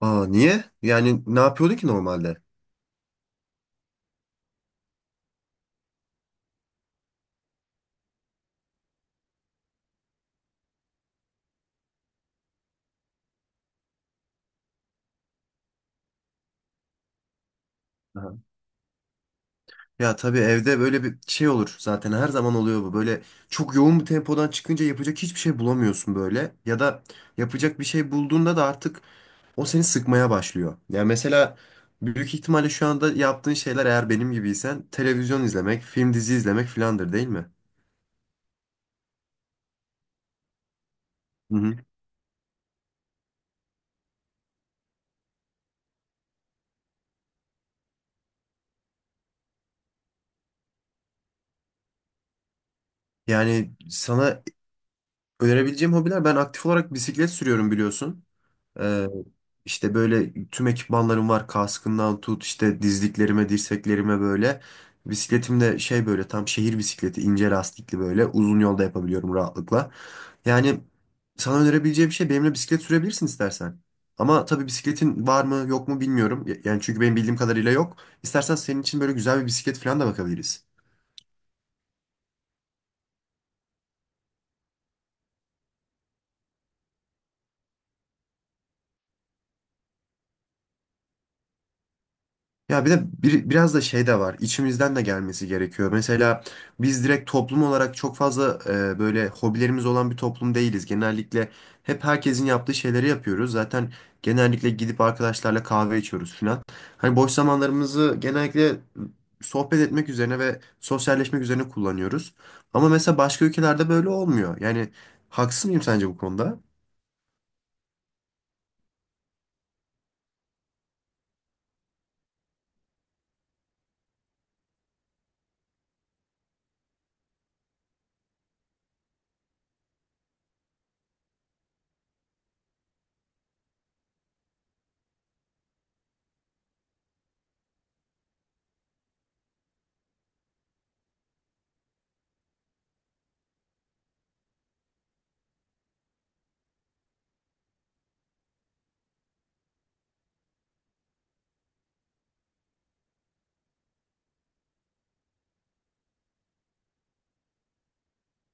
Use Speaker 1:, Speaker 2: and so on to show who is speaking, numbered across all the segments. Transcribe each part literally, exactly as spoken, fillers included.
Speaker 1: Aa niye? Yani ne yapıyordu ki normalde? Aha. Ya tabii evde böyle bir şey olur zaten her zaman oluyor bu. Böyle çok yoğun bir tempodan çıkınca yapacak hiçbir şey bulamıyorsun böyle. Ya da yapacak bir şey bulduğunda da artık o seni sıkmaya başlıyor. Yani mesela büyük ihtimalle şu anda yaptığın şeyler eğer benim gibiysen televizyon izlemek, film dizi izlemek filandır değil mi? Hı hı. Yani sana önerebileceğim hobiler ben aktif olarak bisiklet sürüyorum biliyorsun. Ee, işte böyle tüm ekipmanlarım var. Kaskından tut işte dizliklerime, dirseklerime böyle. Bisikletim de şey böyle tam şehir bisikleti ince lastikli böyle. Uzun yolda yapabiliyorum rahatlıkla. Yani sana önerebileceğim şey benimle bisiklet sürebilirsin istersen. Ama tabii bisikletin var mı yok mu bilmiyorum. Yani çünkü benim bildiğim kadarıyla yok. İstersen senin için böyle güzel bir bisiklet falan da bakabiliriz. Ya bir de bir, biraz da şey de var. İçimizden de gelmesi gerekiyor. Mesela biz direkt toplum olarak çok fazla e, böyle hobilerimiz olan bir toplum değiliz. Genellikle hep herkesin yaptığı şeyleri yapıyoruz. Zaten genellikle gidip arkadaşlarla kahve içiyoruz falan. Hani boş zamanlarımızı genellikle sohbet etmek üzerine ve sosyalleşmek üzerine kullanıyoruz. Ama mesela başka ülkelerde böyle olmuyor. Yani haksız mıyım sence bu konuda?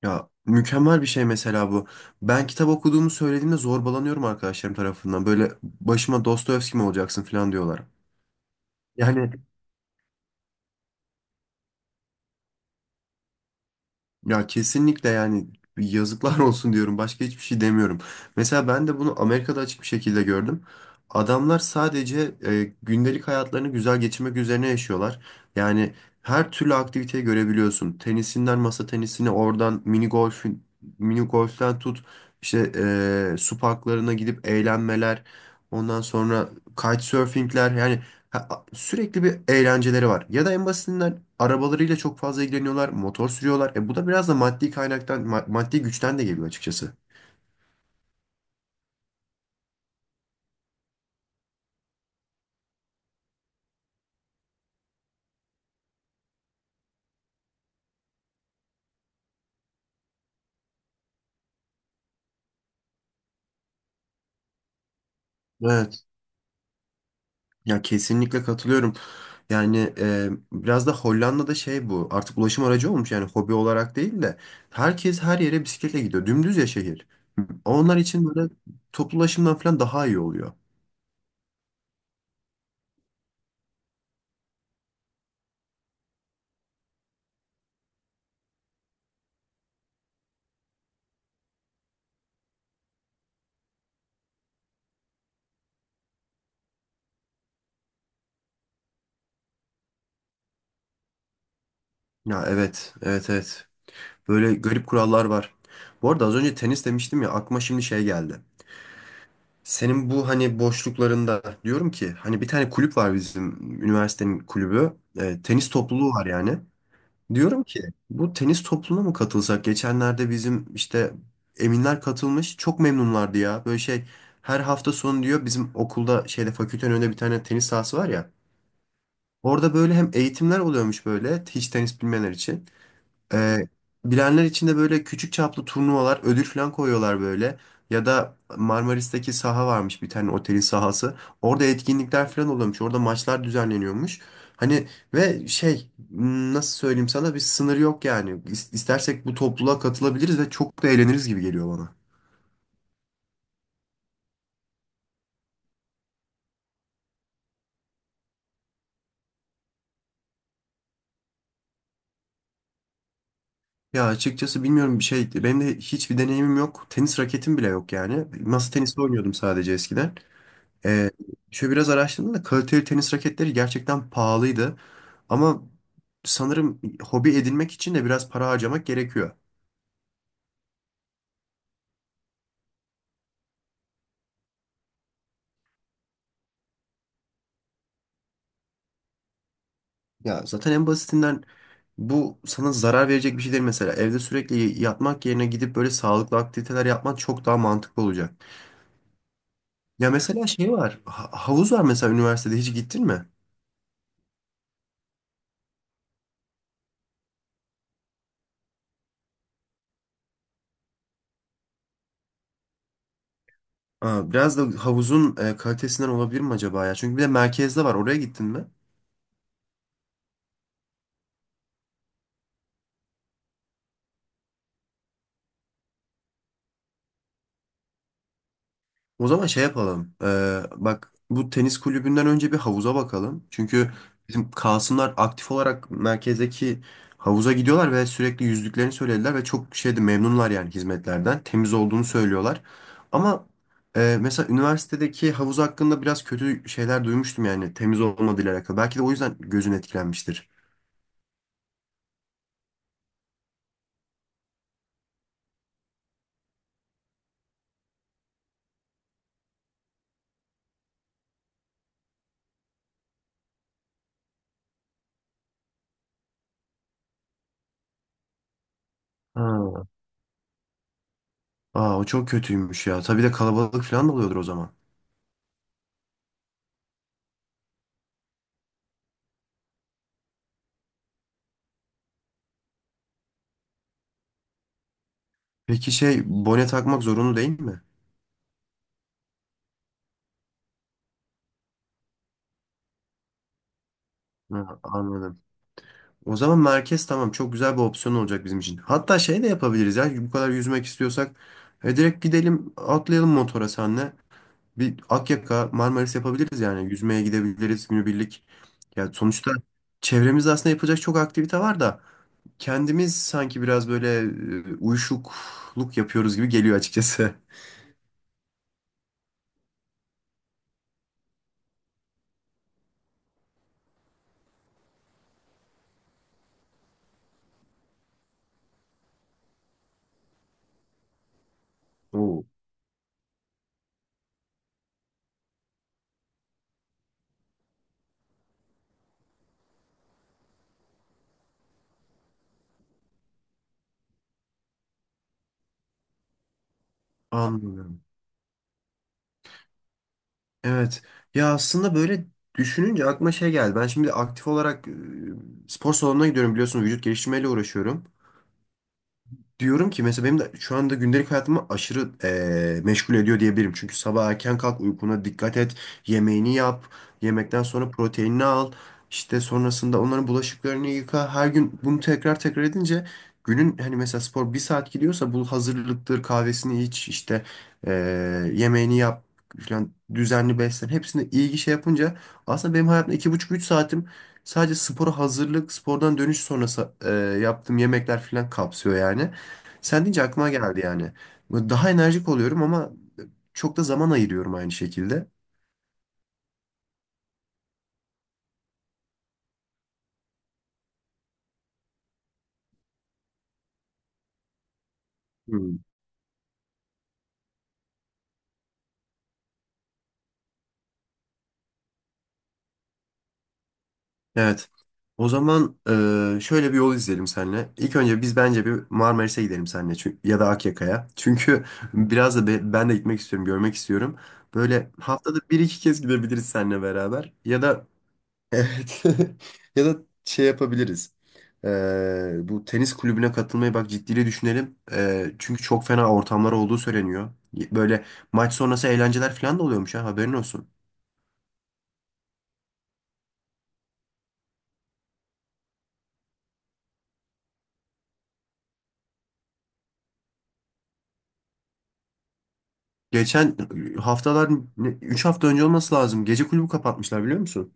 Speaker 1: Ya mükemmel bir şey mesela bu. Ben kitap okuduğumu söylediğimde zorbalanıyorum arkadaşlarım tarafından. Böyle başıma Dostoyevski mi olacaksın falan diyorlar. Yani. Ya kesinlikle yani yazıklar olsun diyorum. Başka hiçbir şey demiyorum. Mesela ben de bunu Amerika'da açık bir şekilde gördüm. Adamlar sadece e, gündelik hayatlarını güzel geçirmek üzerine yaşıyorlar. Yani her türlü aktiviteyi görebiliyorsun. Tenisinden masa tenisine, oradan mini golf, mini golf'ten tut işte e, su parklarına gidip eğlenmeler. Ondan sonra kitesurfingler yani. Ha, a- sürekli bir eğlenceleri var. Ya da en basitinden arabalarıyla çok fazla ilgileniyorlar, motor sürüyorlar. E bu da biraz da maddi kaynaktan, ma- maddi güçten de geliyor açıkçası. Evet. Ya kesinlikle katılıyorum. Yani e, biraz da Hollanda'da şey bu. Artık ulaşım aracı olmuş yani hobi olarak değil de herkes her yere bisikletle gidiyor. Dümdüz ya şehir. Onlar için böyle toplu ulaşımdan falan daha iyi oluyor. Ya evet, evet, evet. Böyle garip kurallar var. Bu arada az önce tenis demiştim ya aklıma şimdi şey geldi. Senin bu hani boşluklarında diyorum ki hani bir tane kulüp var bizim üniversitenin kulübü. E, tenis topluluğu var yani. Diyorum ki bu tenis topluluğuna mı katılsak? Geçenlerde bizim işte Eminler katılmış. Çok memnunlardı ya. Böyle şey her hafta sonu diyor bizim okulda şeyde fakültenin önünde bir tane tenis sahası var ya. Orada böyle hem eğitimler oluyormuş böyle hiç tenis bilmeyenler için. Ee, bilenler için de böyle küçük çaplı turnuvalar, ödül falan koyuyorlar böyle. Ya da Marmaris'teki saha varmış bir tane otelin sahası. Orada etkinlikler falan oluyormuş. Orada maçlar düzenleniyormuş. Hani ve şey m, nasıl söyleyeyim sana bir sınır yok yani. İs- İstersek bu topluluğa katılabiliriz ve çok da eğleniriz gibi geliyor bana. Ya açıkçası bilmiyorum bir şey benim de hiçbir deneyimim yok. Tenis raketim bile yok yani. Masa tenisi oynuyordum sadece eskiden. Ee, şöyle biraz araştırdım da kaliteli tenis raketleri gerçekten pahalıydı. Ama sanırım hobi edinmek için de biraz para harcamak gerekiyor. Ya zaten en basitinden bu sana zarar verecek bir şey değil mesela. Evde sürekli yatmak yerine gidip böyle sağlıklı aktiviteler yapman çok daha mantıklı olacak. Ya mesela şey var, ha- havuz var mesela üniversitede hiç gittin mi? Aa, biraz da havuzun e, kalitesinden olabilir mi acaba ya? Çünkü bir de merkezde var. Oraya gittin mi? O zaman şey yapalım. Ee, bak bu tenis kulübünden önce bir havuza bakalım. Çünkü bizim Kasımlar aktif olarak merkezdeki havuza gidiyorlar ve sürekli yüzdüklerini söylediler ve çok şeyde memnunlar yani hizmetlerden. Temiz olduğunu söylüyorlar. Ama e, mesela üniversitedeki havuz hakkında biraz kötü şeyler duymuştum yani temiz olmadığıyla alakalı. Belki de o yüzden gözün etkilenmiştir. Ha. Aa o çok kötüymüş ya. Tabii de kalabalık falan da oluyordur o zaman. Peki şey bone takmak zorunlu değil mi? Ha, anladım. O zaman merkez tamam çok güzel bir opsiyon olacak bizim için. Hatta şey de yapabiliriz ya bu kadar yüzmek istiyorsak e, direkt gidelim atlayalım motora senle. Bir Akyaka Marmaris yapabiliriz yani yüzmeye gidebiliriz günübirlik. Ya sonuçta çevremizde aslında yapacak çok aktivite var da kendimiz sanki biraz böyle e, uyuşukluk yapıyoruz gibi geliyor açıkçası. Oo. Anladım. Evet. Ya aslında böyle düşününce aklıma şey geldi. Ben şimdi aktif olarak e, spor salonuna gidiyorum biliyorsun vücut geliştirmeyle uğraşıyorum diyorum ki mesela benim de şu anda gündelik hayatımı aşırı eee, meşgul ediyor diyebilirim. Çünkü sabah erken kalk, uykuna dikkat et, yemeğini yap, yemekten sonra proteinini al, işte sonrasında onların bulaşıklarını yıka. Her gün bunu tekrar tekrar edince günün hani mesela spor bir saat gidiyorsa bu hazırlıktır, kahvesini iç, işte eee, yemeğini yap falan düzenli beslen. Hepsini ilgi şey yapınca aslında benim hayatımda iki buçuk üç saatim sadece spora hazırlık, spordan dönüş sonrası e, yaptığım yemekler falan kapsıyor yani. Sen deyince aklıma geldi yani. Böyle daha enerjik oluyorum ama çok da zaman ayırıyorum aynı şekilde. Hmm. Evet. O zaman e, şöyle bir yol izleyelim seninle. İlk önce biz bence bir Marmaris'e gidelim seninle çünkü, ya da Akyaka'ya. Çünkü biraz da be- ben de gitmek istiyorum, görmek istiyorum. Böyle haftada bir iki kez gidebiliriz seninle beraber. Ya da evet. Ya da şey yapabiliriz. Ee, bu tenis kulübüne katılmayı bak ciddiyle düşünelim. Ee, çünkü çok fena ortamlar olduğu söyleniyor. Böyle maç sonrası eğlenceler falan da oluyormuş ha haberin olsun. Geçen haftalar üç hafta önce olması lazım. Gece kulübü kapatmışlar biliyor musun?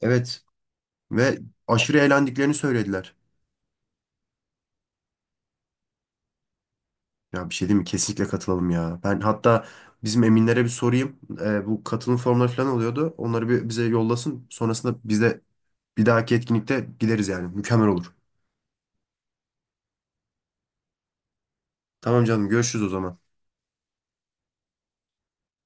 Speaker 1: Evet. Ve aşırı eğlendiklerini söylediler. Ya bir şey diyeyim mi? Kesinlikle katılalım ya. Ben hatta bizim Eminlere bir sorayım. Ee, bu katılım formları falan oluyordu. Onları bir bize yollasın. Sonrasında biz de bir dahaki etkinlikte gideriz yani. Mükemmel olur. Tamam canım görüşürüz o zaman.